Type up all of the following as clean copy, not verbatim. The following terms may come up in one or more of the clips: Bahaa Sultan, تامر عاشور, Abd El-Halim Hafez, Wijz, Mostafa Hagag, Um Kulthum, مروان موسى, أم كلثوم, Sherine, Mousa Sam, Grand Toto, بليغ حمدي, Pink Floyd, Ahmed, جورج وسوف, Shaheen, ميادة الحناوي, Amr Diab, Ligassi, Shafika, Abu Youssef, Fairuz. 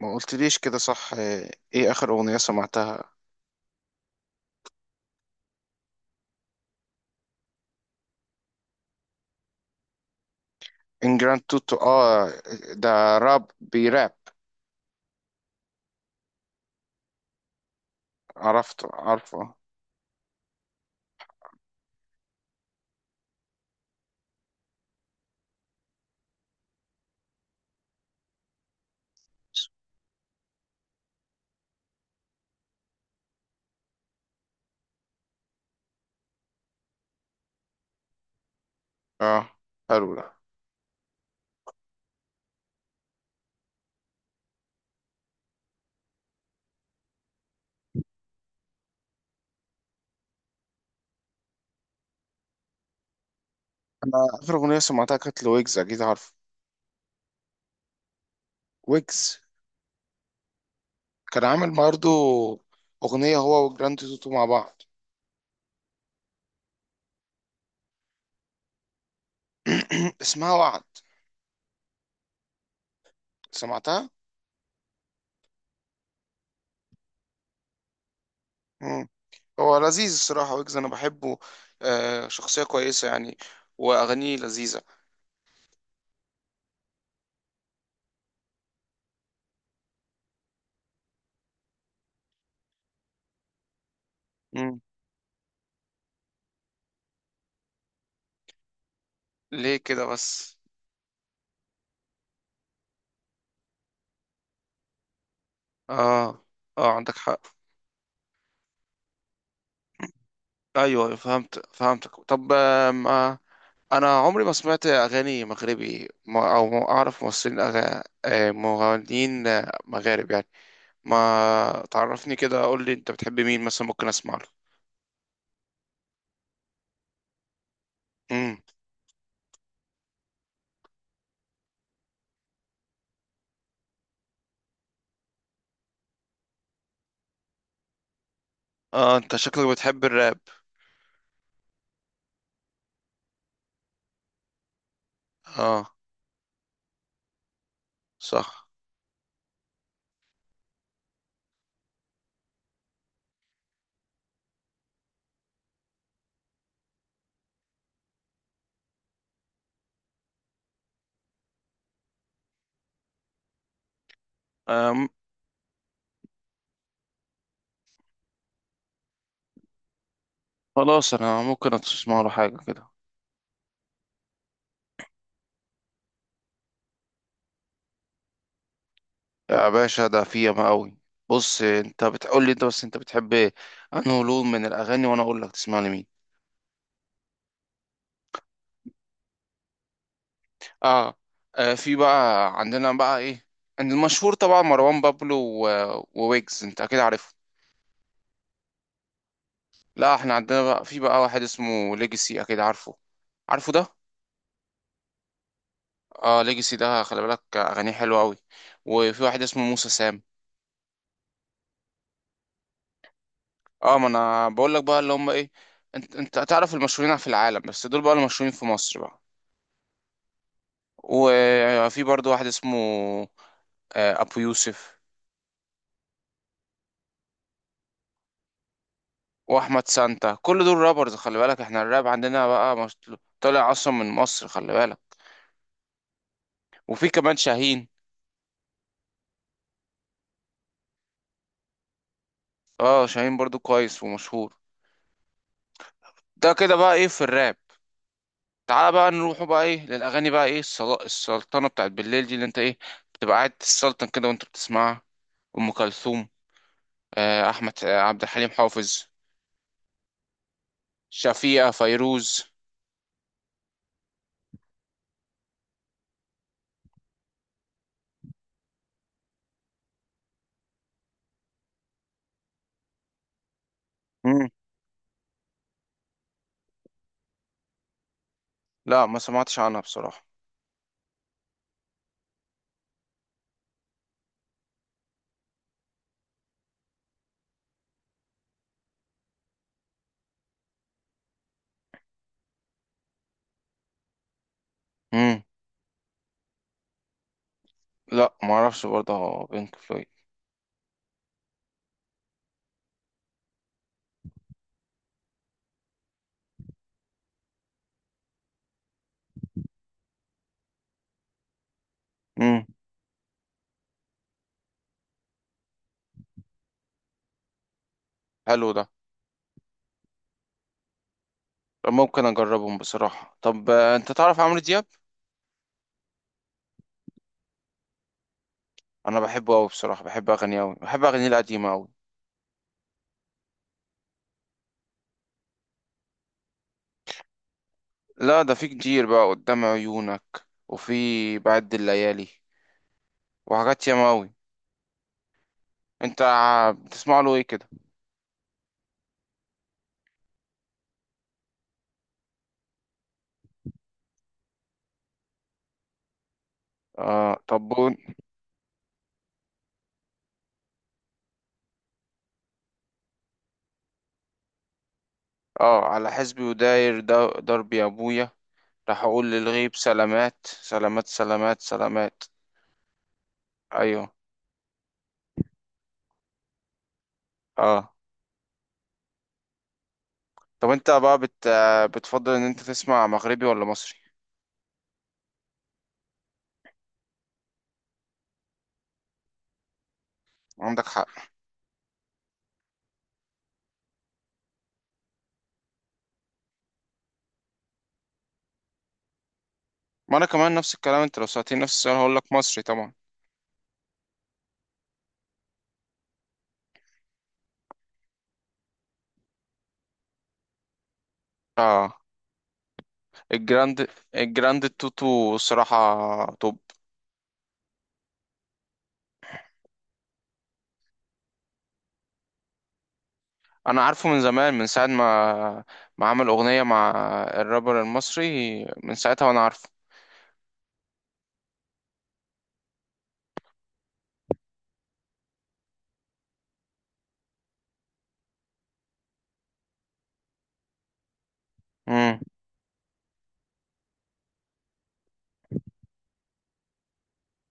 ما قلتليش كده صح. ايه اخر اغنية سمعتها؟ ان جراند توتو، اه. ده راب بيراب؟ عرفته، عارفه. اه، حلو ده. انا اخر اغنية سمعتها كانت لويجز، اكيد عارف. ويجز. كان عامل برضه اغنية هو وجراند توتو مع بعض. اسمها وعد. سمعتها. مم. هو لذيذ الصراحة، ويجز انا بحبه. شخصية كويسة يعني. واغانيه لذيذة. مم. ليه كده بس؟ اه، اه، عندك حق. ايوه، أيوة، فهمتك. طب، ما انا عمري ما سمعت اغاني مغربي، او ما اعرف ممثلين أغ... آه، مغنيين مغارب يعني. ما تعرفني كده، قول لي انت بتحب مين مثلا ممكن اسمع له. امم. اه، انت شكلك بتحب الراب. اه. صح. آم. خلاص انا ممكن اسمع له حاجه كده. يا باشا ده في ياما قوي. بص، انت بتقول لي انت بس انت بتحب إيه؟ انه لون من الاغاني وانا اقول لك تسمع لمين. اه. في بقى عندنا بقى ايه، عند المشهور طبعا مروان بابلو وويجز، انت اكيد عارفه. لا، احنا عندنا بقى في بقى واحد اسمه ليجاسي، اكيد عارفه. عارفه ده؟ اه، ليجاسي ده خلي بالك اغانيه حلوه قوي. وفي واحد اسمه موسى سام. اه، ما انا بقول لك بقى اللي هم ايه. انت تعرف المشهورين في العالم، بس دول بقى المشهورين في مصر بقى. وفي برضو واحد اسمه ابو يوسف. واحمد سانتا، كل دول رابرز خلي بالك، احنا الراب عندنا بقى طالع اصلا من مصر، خلي بالك. وفي كمان شاهين. اه، شاهين برضو كويس ومشهور. ده كده بقى ايه في الراب. تعال بقى نروحوا بقى ايه للاغاني بقى، ايه السلطنه بتاعت بالليل دي، اللي انت ايه بتبقى قاعد تسلطن كده وانت بتسمعها. ام كلثوم. آه، احمد، عبد الحليم حافظ. شفيقة، فيروز. مم. لا، ما سمعتش عنها بصراحه. مم. لا، ما اعرفش برضه بينك فلويد. مم. حلو ده. ممكن اجربهم بصراحه. طب، انت تعرف عمرو دياب. انا بحبه قوي بصراحه، بحب اغانيه قوي، بحب اغانيه القديمه قوي. لا، ده في كتير بقى، قدام عيونك. وفي بعد الليالي. وحاجات ياما قوي. انت بتسمع له ايه كده؟ اه، طب اه، على حسبي وداير دربي يا ابويا. راح اقول للغيب سلامات سلامات سلامات سلامات. ايوه. اه، طب انت بقى بت... آه، بتفضل ان انت تسمع مغربي ولا مصري؟ عندك حق. ما انا كمان نفس الكلام، انت لو سألتني نفس السؤال هقول لك مصري طبعا. آه. الجراند الجراند توتو صراحة توب. أنا عارفه من زمان، من ساعة ما عمل أغنية مع الرابر المصري، من ساعتها وأنا عارفه. مم.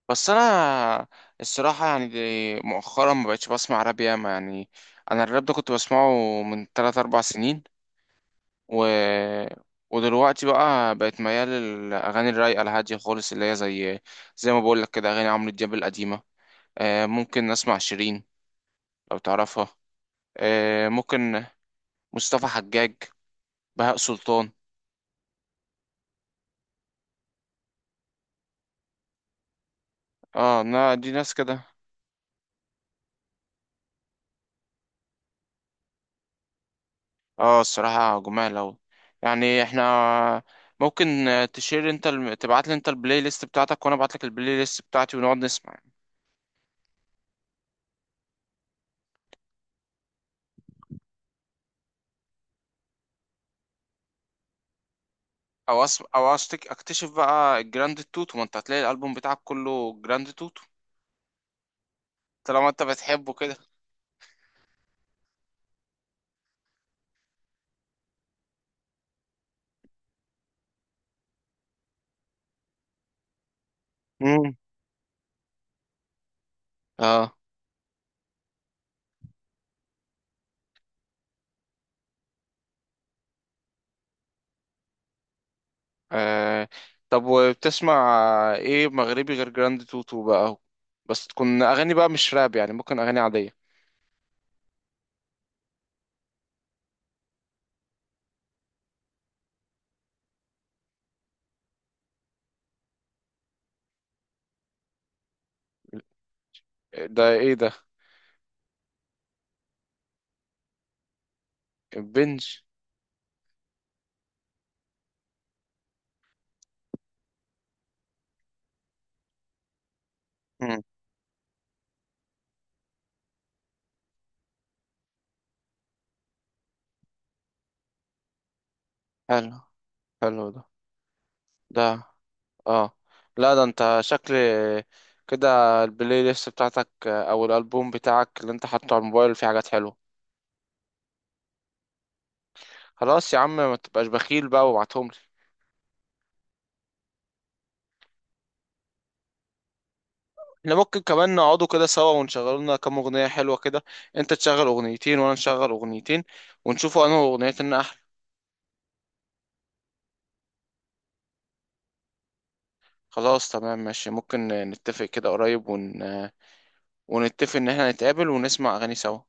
بس أنا الصراحة يعني دي مؤخرا ما بقتش بسمع راب ياما يعني. أنا الراب ده كنت بسمعه من 3 أربع سنين و... ودلوقتي بقى بقت ميال للأغاني الرايقة الهادية خالص، اللي هي زي ما بقولك كده أغاني عمرو دياب القديمة. ممكن أسمع شيرين لو تعرفها. ممكن. مصطفى حجاج. بهاء سلطان. اه، دي ناس كده. اه، الصراحة جمال أوي. يعني احنا ممكن تشير انت تبعت لي انت البلاي ليست بتاعتك وانا ابعت لك البلاي ليست بتاعتي ونقعد نسمع يعني. او اكتشف بقى الجراند توتو، ما انت هتلاقي الالبوم بتاعك كله جراند توتو. طالما انت بتحبه كده. مم. اه. آه طب وبتسمع ايه مغربي غير جراند توتو بقى اهو؟ بس تكون اغاني بقى مش راب يعني، ممكن اغاني عادية. ده ايه ده؟ البنج. مم. حلو، حلو ده. ده. اه. لا، ده انت شكل كده البلاي ليست بتاعتك او الالبوم بتاعك اللي انت حاطه على الموبايل فيه حاجات حلوه. خلاص يا عم، ما تبقاش بخيل بقى وابعتهم لي. احنا ممكن كمان نقعدوا كده سوا ونشغلوا لنا كام اغنيه حلوه كده. انت تشغل اغنيتين وانا نشغل اغنيتين، ونشوفوا انه اغنيتنا احلى. خلاص، تمام، ماشي. ممكن نتفق كده قريب ونتفق ان احنا نتقابل ونسمع اغاني سوا.